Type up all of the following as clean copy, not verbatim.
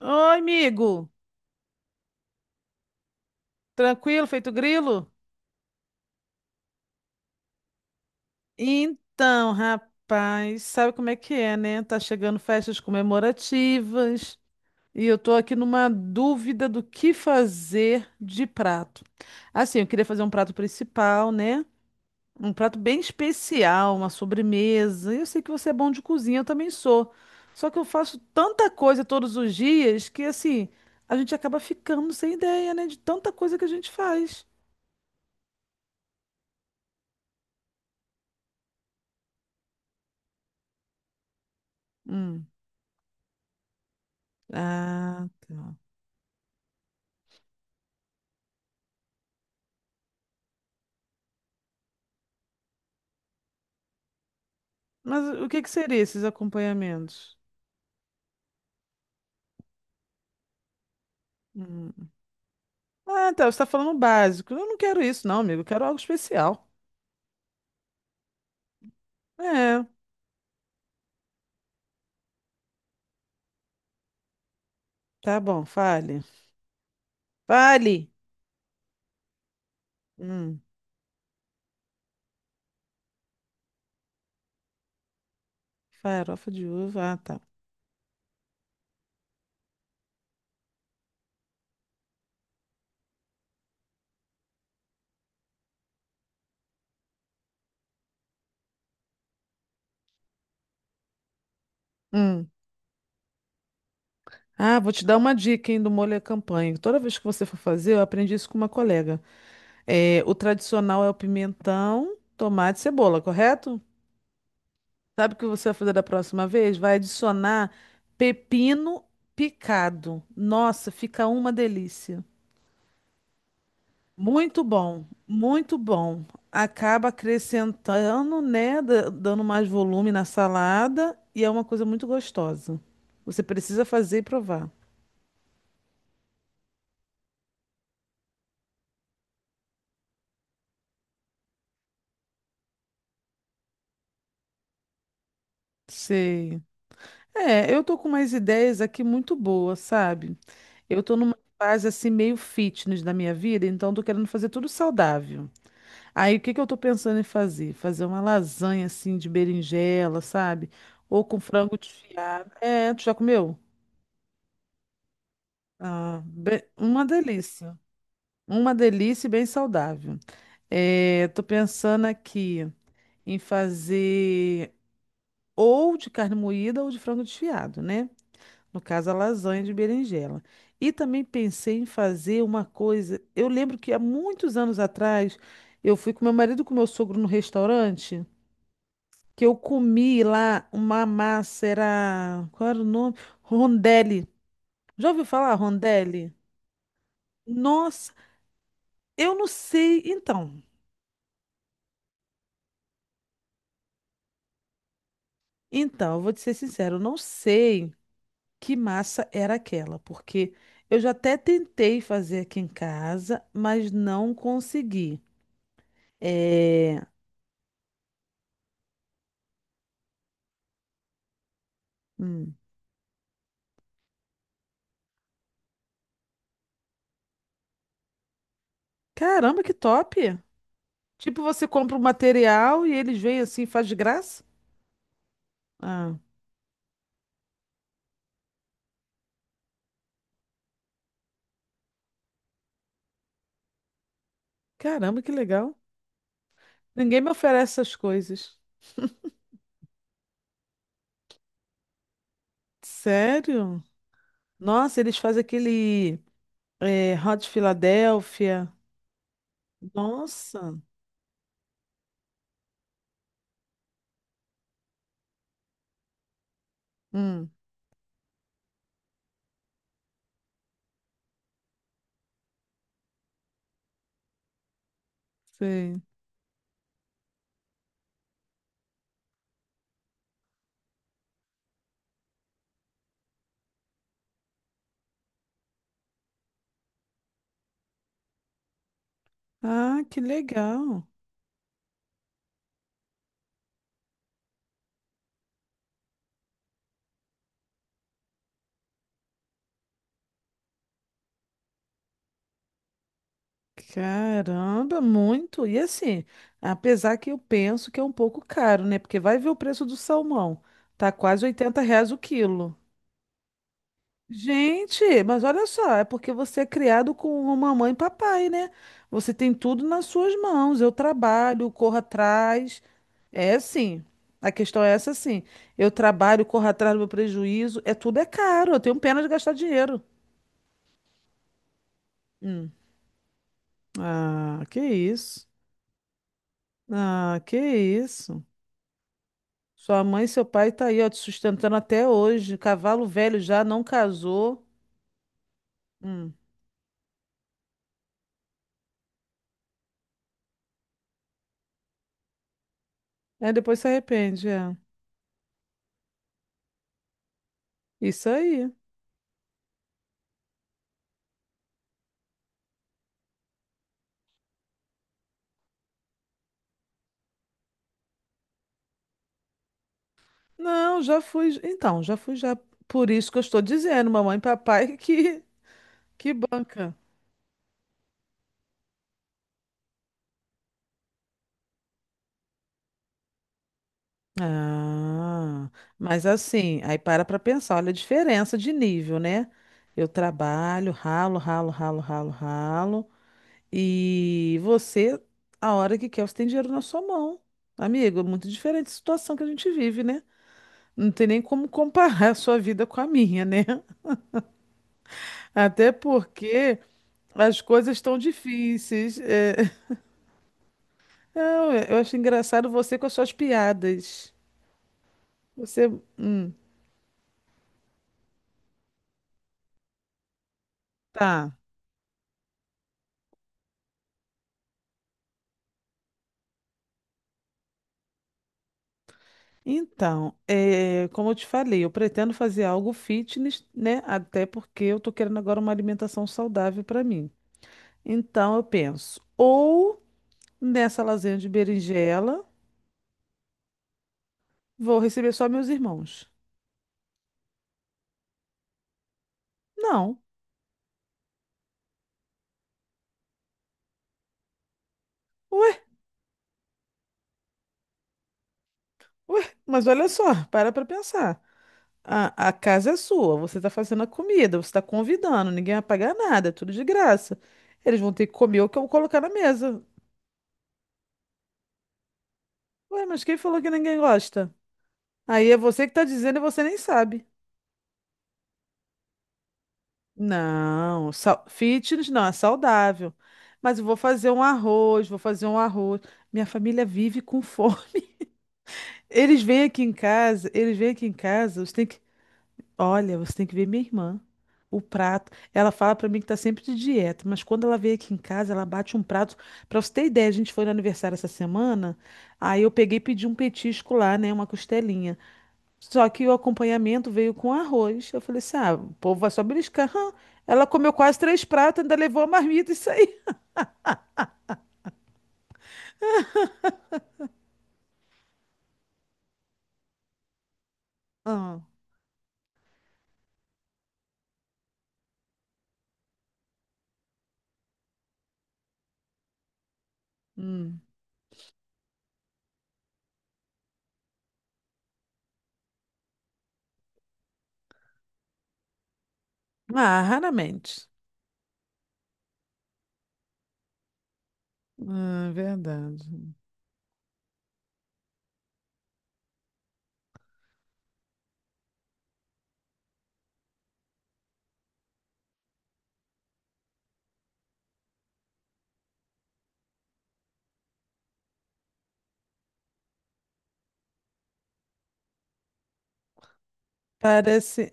Oi, amigo. Tranquilo, feito grilo? Então, rapaz, sabe como é que é, né? Tá chegando festas comemorativas e eu tô aqui numa dúvida do que fazer de prato. Assim, eu queria fazer um prato principal, né? Um prato bem especial, uma sobremesa. Eu sei que você é bom de cozinha, eu também sou. Só que eu faço tanta coisa todos os dias que, assim, a gente acaba ficando sem ideia, né? De tanta coisa que a gente faz. Hum. Ah, tá. Mas o que que seria esses acompanhamentos? Hum. Ah, tá. Você está falando o básico. Eu não quero isso, não, amigo. Eu quero algo especial. É, tá bom. Fale. Fale. Hum. Farofa de uva. Ah, tá. Hum. Ah, vou te dar uma dica, hein, do molho à campanha. Toda vez que você for fazer, eu aprendi isso com uma colega. É, o tradicional é o pimentão, tomate e cebola, correto? Sabe o que você vai fazer da próxima vez? Vai adicionar pepino picado. Nossa, fica uma delícia. Muito bom, muito bom. Acaba acrescentando, né? Dando mais volume na salada e é uma coisa muito gostosa. Você precisa fazer e provar. Sei. É, eu tô com umas ideias aqui muito boas, sabe? Eu tô numa fase assim meio fitness da minha vida, então tô querendo fazer tudo saudável. Aí o que que eu tô pensando em fazer? Fazer uma lasanha assim de berinjela, sabe? Ou com frango desfiado. É, tu já comeu? Ah, uma delícia. Uma delícia e bem saudável. É, tô pensando aqui em fazer ou de carne moída ou de frango desfiado, né? No caso, a lasanha de berinjela. E também pensei em fazer uma coisa. Eu lembro que há muitos anos atrás eu fui com meu marido e com meu sogro no restaurante, que eu comi lá uma massa, era. Qual era o nome? Rondelli. Já ouviu falar rondelli? Nossa, eu não sei. Então, eu vou te ser sincero, eu não sei que massa era aquela, porque eu já até tentei fazer aqui em casa, mas não consegui. É. Hum. Caramba, que top! Tipo, você compra o material e eles vêm assim, faz de graça? Ah, caramba, que legal. Ninguém me oferece essas coisas. Sério? Nossa, eles fazem aquele Hot Philadelphia. Nossa. Hum, sei. Ah, que legal. Caramba, muito. E assim, apesar que eu penso que é um pouco caro, né? Porque vai ver o preço do salmão. Tá quase 80 reais o quilo. Gente, mas olha só, é porque você é criado com uma mamãe e papai, né? Você tem tudo nas suas mãos. Eu trabalho, corro atrás. É sim. A questão é essa sim. Eu trabalho, corro atrás do meu prejuízo. É tudo é caro. Eu tenho pena de gastar dinheiro. Hum. Ah, que isso. Ah, que isso. Sua mãe e seu pai tá aí, ó, te sustentando até hoje. Cavalo velho já não casou. Hum. É, depois se arrepende, é. Isso aí. Não, já fui. Então, já fui já. Por isso que eu estou dizendo, mamãe e papai, que banca. Ah, mas assim, aí para pensar, olha a diferença de nível, né? Eu trabalho, ralo, ralo, ralo, ralo, ralo, e você, a hora que quer, você tem dinheiro na sua mão. Amigo, é muito diferente a situação que a gente vive, né? Não tem nem como comparar a sua vida com a minha, né? Até porque as coisas estão difíceis. É. Não, eu acho engraçado você com as suas piadas. Você, hum, tá. Então, é, como eu te falei, eu pretendo fazer algo fitness, né? Até porque eu tô querendo agora uma alimentação saudável para mim. Então, eu penso, ou nessa lasanha de berinjela, vou receber só meus irmãos. Não. Ué, ué, mas olha só, para pensar. A casa é sua, você tá fazendo a comida, você tá convidando, ninguém vai pagar nada, é tudo de graça. Eles vão ter que comer o que eu colocar na mesa. Ué, mas quem falou que ninguém gosta? Aí é você que tá dizendo e você nem sabe. Não, fitness não, é saudável. Mas eu vou fazer um arroz, vou fazer um arroz. Minha família vive com fome. Eles vêm aqui em casa, eles vêm aqui em casa, você tem que. Olha, você tem que ver minha irmã. O prato. Ela fala pra mim que tá sempre de dieta, mas quando ela vem aqui em casa, ela bate um prato. Pra você ter ideia, a gente foi no aniversário essa semana, aí eu peguei e pedi um petisco lá, né? Uma costelinha. Só que o acompanhamento veio com arroz. Eu falei assim: ah, o povo vai só beliscar. Hã? Ela comeu quase três pratos, ainda levou a marmita e saiu. Ah, hum. Ah, raramente. Ah, verdade. Parece.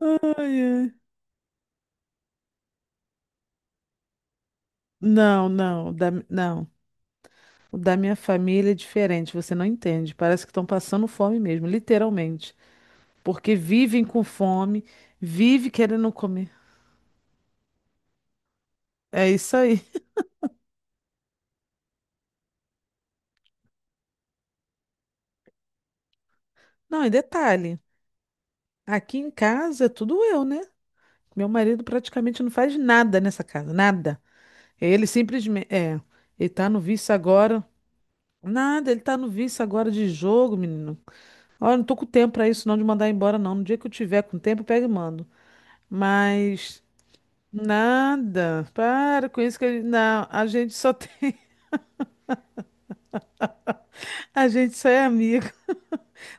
Ai, ai. Não, não, o da, não. O da minha família é diferente, você não entende. Parece que estão passando fome mesmo, literalmente. Porque vivem com fome, vive querendo comer. É isso aí. Não, e detalhe, aqui em casa é tudo eu, né? Meu marido praticamente não faz nada nessa casa, nada. Ele simplesmente, é, ele tá no vício agora. Nada, ele tá no vício agora de jogo, menino. Olha, não tô com tempo pra isso não de mandar embora não. No dia que eu tiver com tempo, eu pego e mando. Mas nada. Para com isso que ele, não, a gente só tem, a gente só é amigo.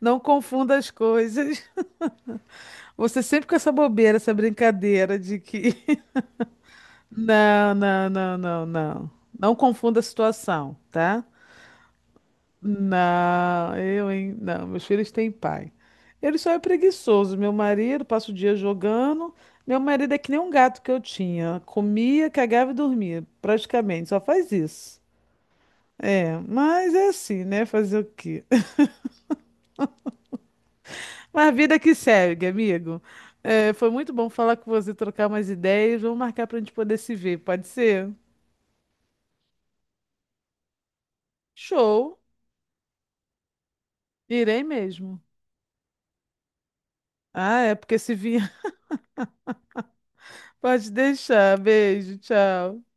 Não confunda as coisas. Você sempre com essa bobeira, essa brincadeira de que Não, não, não, não, não. Não confunda a situação, tá? Não, eu, hein? Não, meus filhos têm pai. Ele só é preguiçoso. Meu marido passa o dia jogando. Meu marido é que nem um gato que eu tinha. Comia, cagava e dormia, praticamente. Só faz isso. É, mas é assim, né? Fazer o quê? Mas a vida que segue, amigo. É, foi muito bom falar com você, trocar umas ideias. Vamos marcar pra gente poder se ver, pode ser? Show! Irei mesmo. Ah, é porque se vir, pode deixar. Beijo, tchau.